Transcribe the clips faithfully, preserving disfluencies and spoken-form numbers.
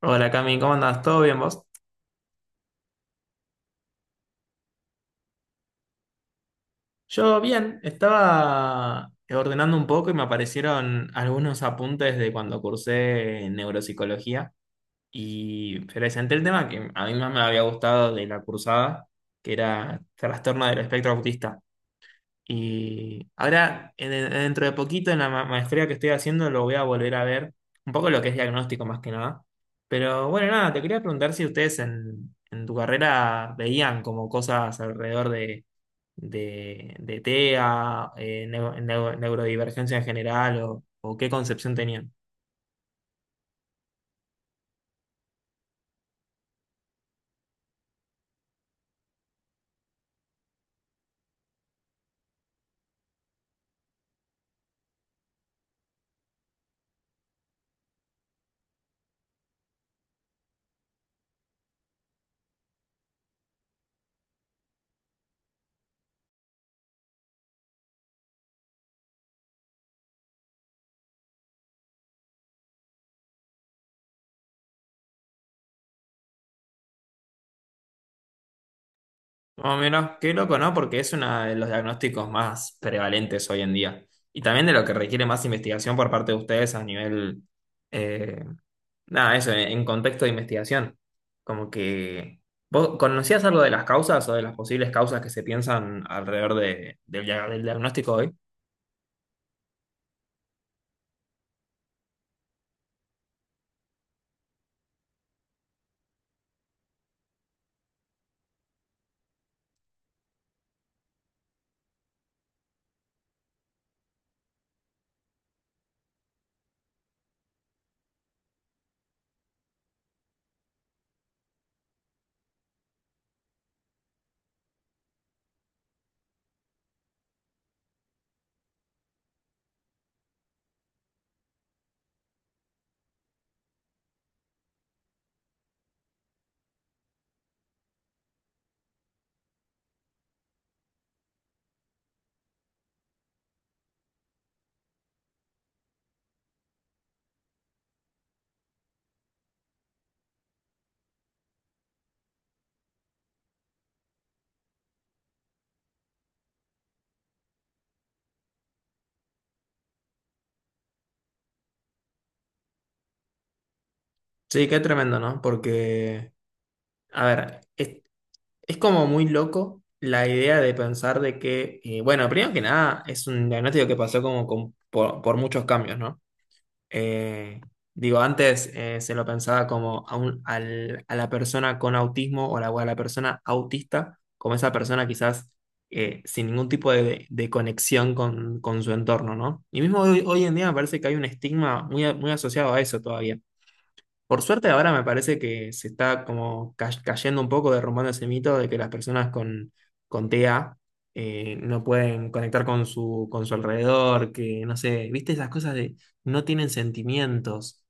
Hola Cami, ¿cómo andás? ¿Todo bien vos? Yo bien, estaba ordenando un poco y me aparecieron algunos apuntes de cuando cursé neuropsicología y presenté el tema que a mí más me había gustado de la cursada, que era trastorno del espectro autista. Y ahora, en- en- dentro de poquito, en la ma- maestría que estoy haciendo, lo voy a volver a ver. Un poco lo que es diagnóstico más que nada. Pero bueno, nada, te quería preguntar si ustedes en, en tu carrera veían como cosas alrededor de, de, de TEA, eh, neu- neu- neurodivergencia en general, o, o qué concepción tenían. Más o menos, qué loco, ¿no? Porque es uno de los diagnósticos más prevalentes hoy en día. Y también de lo que requiere más investigación por parte de ustedes a nivel. Nada, eso, en en contexto de investigación. Como que. ¿Vos conocías algo de las causas o de las posibles causas que se piensan alrededor de, del, dia- del diagnóstico hoy? Sí, qué tremendo, ¿no? Porque, a ver, es, es como muy loco la idea de pensar de que, eh, bueno, primero que nada, es un diagnóstico que pasó como con- por, por muchos cambios, ¿no? Eh, digo, antes eh, se lo pensaba como a, un- al- a la persona con autismo o la, o a la persona autista, como esa persona quizás eh, sin ningún tipo de, de conexión con, con su entorno, ¿no? Y mismo hoy, hoy en día me parece que hay un estigma muy, a- muy asociado a eso todavía. Por suerte ahora me parece que se está como ca- cayendo un poco, derrumbando ese mito de que las personas con, con TEA eh, no pueden conectar con su, con su alrededor, que no sé, viste esas cosas de no tienen sentimientos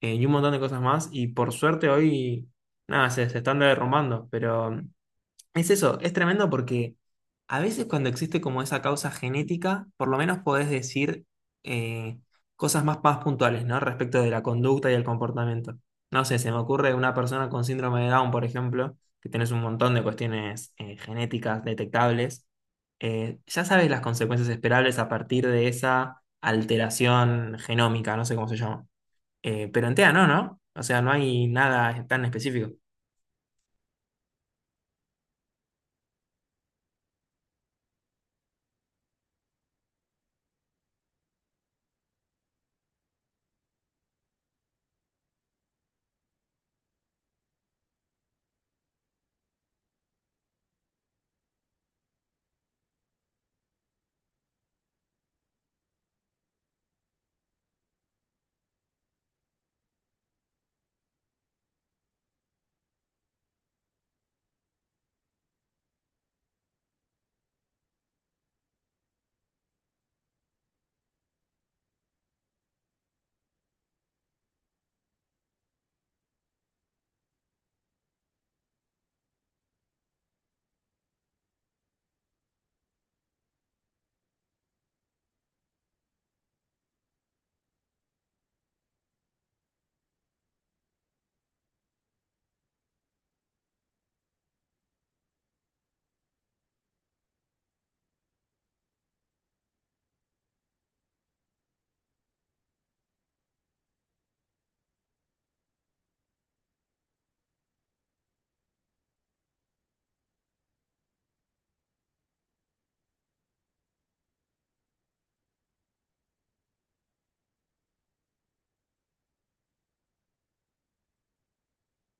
eh, y un montón de cosas más y por suerte hoy nada, se, se están derrumbando, pero es eso, es tremendo porque a veces cuando existe como esa causa genética, por lo menos podés decir eh, cosas más, más puntuales, ¿no? Respecto de la conducta y el comportamiento. No sé, se me ocurre una persona con síndrome de Down, por ejemplo, que tenés un montón de cuestiones eh, genéticas detectables, eh, ya sabes las consecuencias esperables a partir de esa alteración genómica, no sé cómo se llama. Eh, pero en TEA no, ¿no? O sea, no hay nada tan específico.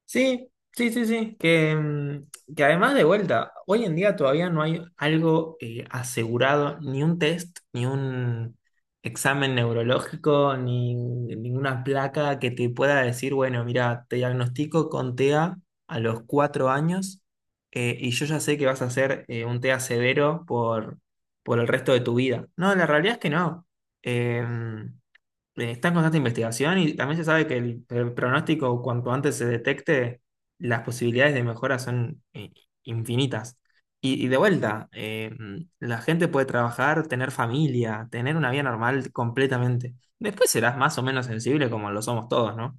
Sí, sí, sí, sí. Que, mm, que además de vuelta, hoy en día todavía no hay algo eh, asegurado, ni un test, ni un examen neurológico, ni ninguna placa que te pueda decir, bueno, mira, te diagnostico con TEA a a los cuatro años eh, y yo ya sé que vas a hacer eh, un TEA severo por, por el resto de tu vida. No, la realidad es que no. Em, eh, está en constante investigación y también se sabe que el, el pronóstico, cuanto antes se detecte, las posibilidades de mejora son eh, infinitas. Y, y de vuelta, eh, la gente puede trabajar, tener familia, tener una vida normal completamente. Después serás más o menos sensible como lo somos todos, ¿no?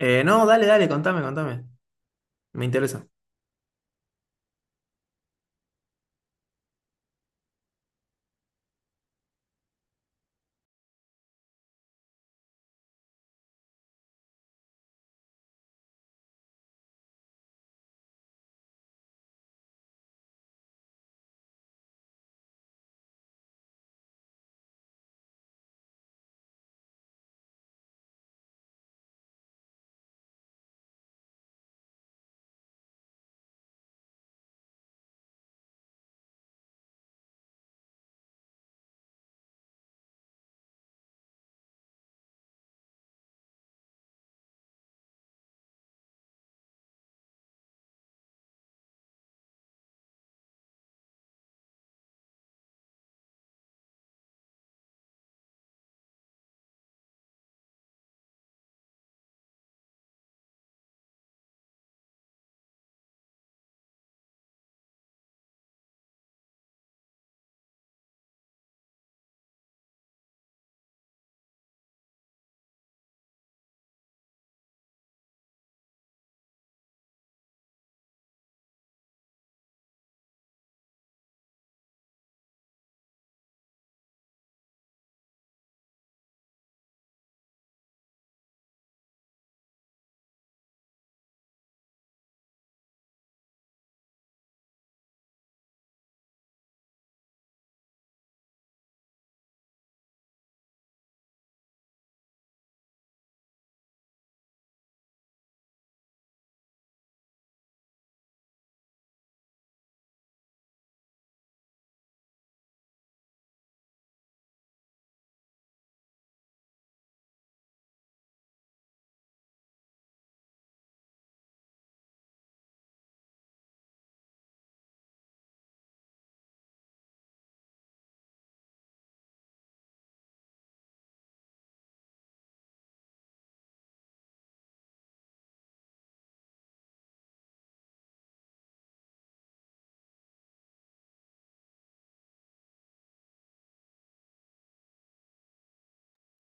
Eh, no, dale, dale, contame, contame. Me interesa.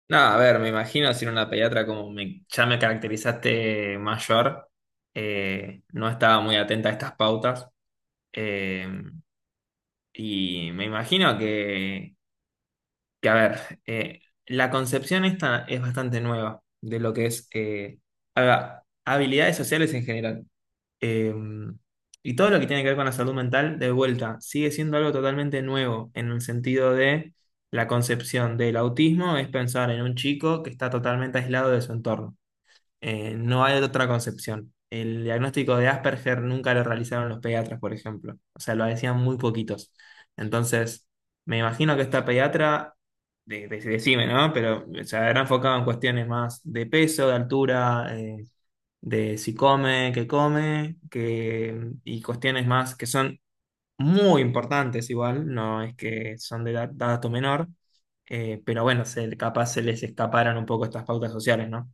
No, a ver, me imagino si era una pediatra como me- ya me caracterizaste mayor, eh, no estaba muy atenta a estas pautas. Eh, Y me imagino que, que a ver, eh, la concepción esta es bastante nueva de lo que es eh, hab- habilidades sociales en general. Eh, y todo lo que tiene que ver con la salud mental, de vuelta, sigue siendo algo totalmente nuevo en el sentido de la concepción del autismo es pensar en un chico que está totalmente aislado de su entorno. Eh, no hay otra concepción. El diagnóstico de Asperger nunca lo realizaron los pediatras, por ejemplo. O sea, lo hacían muy poquitos. Entonces, me imagino que esta pediatra, de, de- decime, ¿no? Pero se habrá enfocado en cuestiones más de peso, de altura, eh, de si come, qué come, que, y cuestiones más que son muy importantes igual, no es que son de da- dato menor, eh, pero bueno, se, capaz se les escaparan un poco estas pautas sociales, ¿no?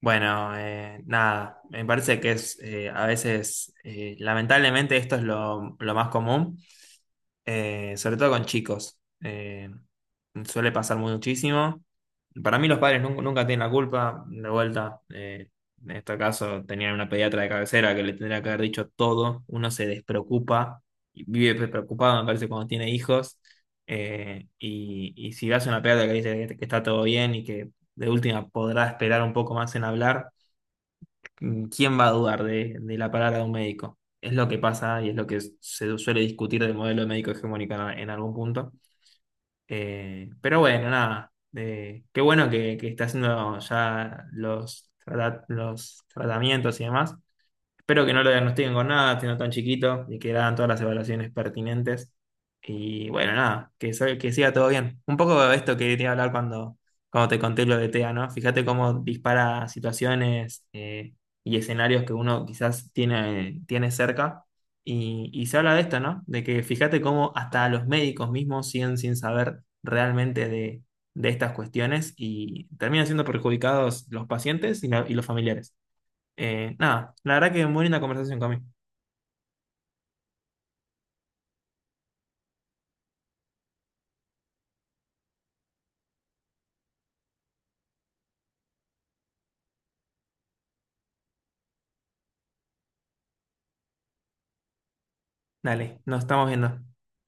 Bueno, eh, nada, me parece que es eh, a veces, eh, lamentablemente esto es lo, lo más común, eh, sobre todo con chicos. Eh, suele pasar muchísimo. Para mí los padres nun- nunca, tienen la culpa, de vuelta. Eh, en este caso tenían una pediatra de cabecera que le tendría que haber dicho todo. Uno se despreocupa, y vive preocupado, me parece, cuando tiene hijos. Eh, y, y si vas a una pediatra que dice que que está todo bien y que de última podrá esperar un poco más en hablar. Mm, ¿quién va a dudar de, de la palabra de un médico? Es lo que pasa y es lo que se suele discutir del modelo de médico hegemónico en, en algún punto. Eh, pero bueno, nada. Eh, qué bueno que, que está haciendo ya los, trata- los tratamientos y demás. Espero que no lo diagnostiquen con nada, siendo tan chiquito, y que le hagan todas las evaluaciones pertinentes. Y bueno, nada, que, sal- que siga todo bien. Un poco de esto que te iba a hablar cuando, cuando te conté lo de TEA, ¿no? Fíjate cómo dispara situaciones eh, y escenarios que uno quizás tiene, tiene cerca. Y, y se habla de esto, ¿no? De que fíjate cómo hasta los médicos mismos siguen sin saber realmente de, de estas cuestiones y terminan siendo perjudicados los pacientes y la- y los familiares. Eh, nada, la verdad que muy linda conversación, Cami. Dale, nos estamos viendo.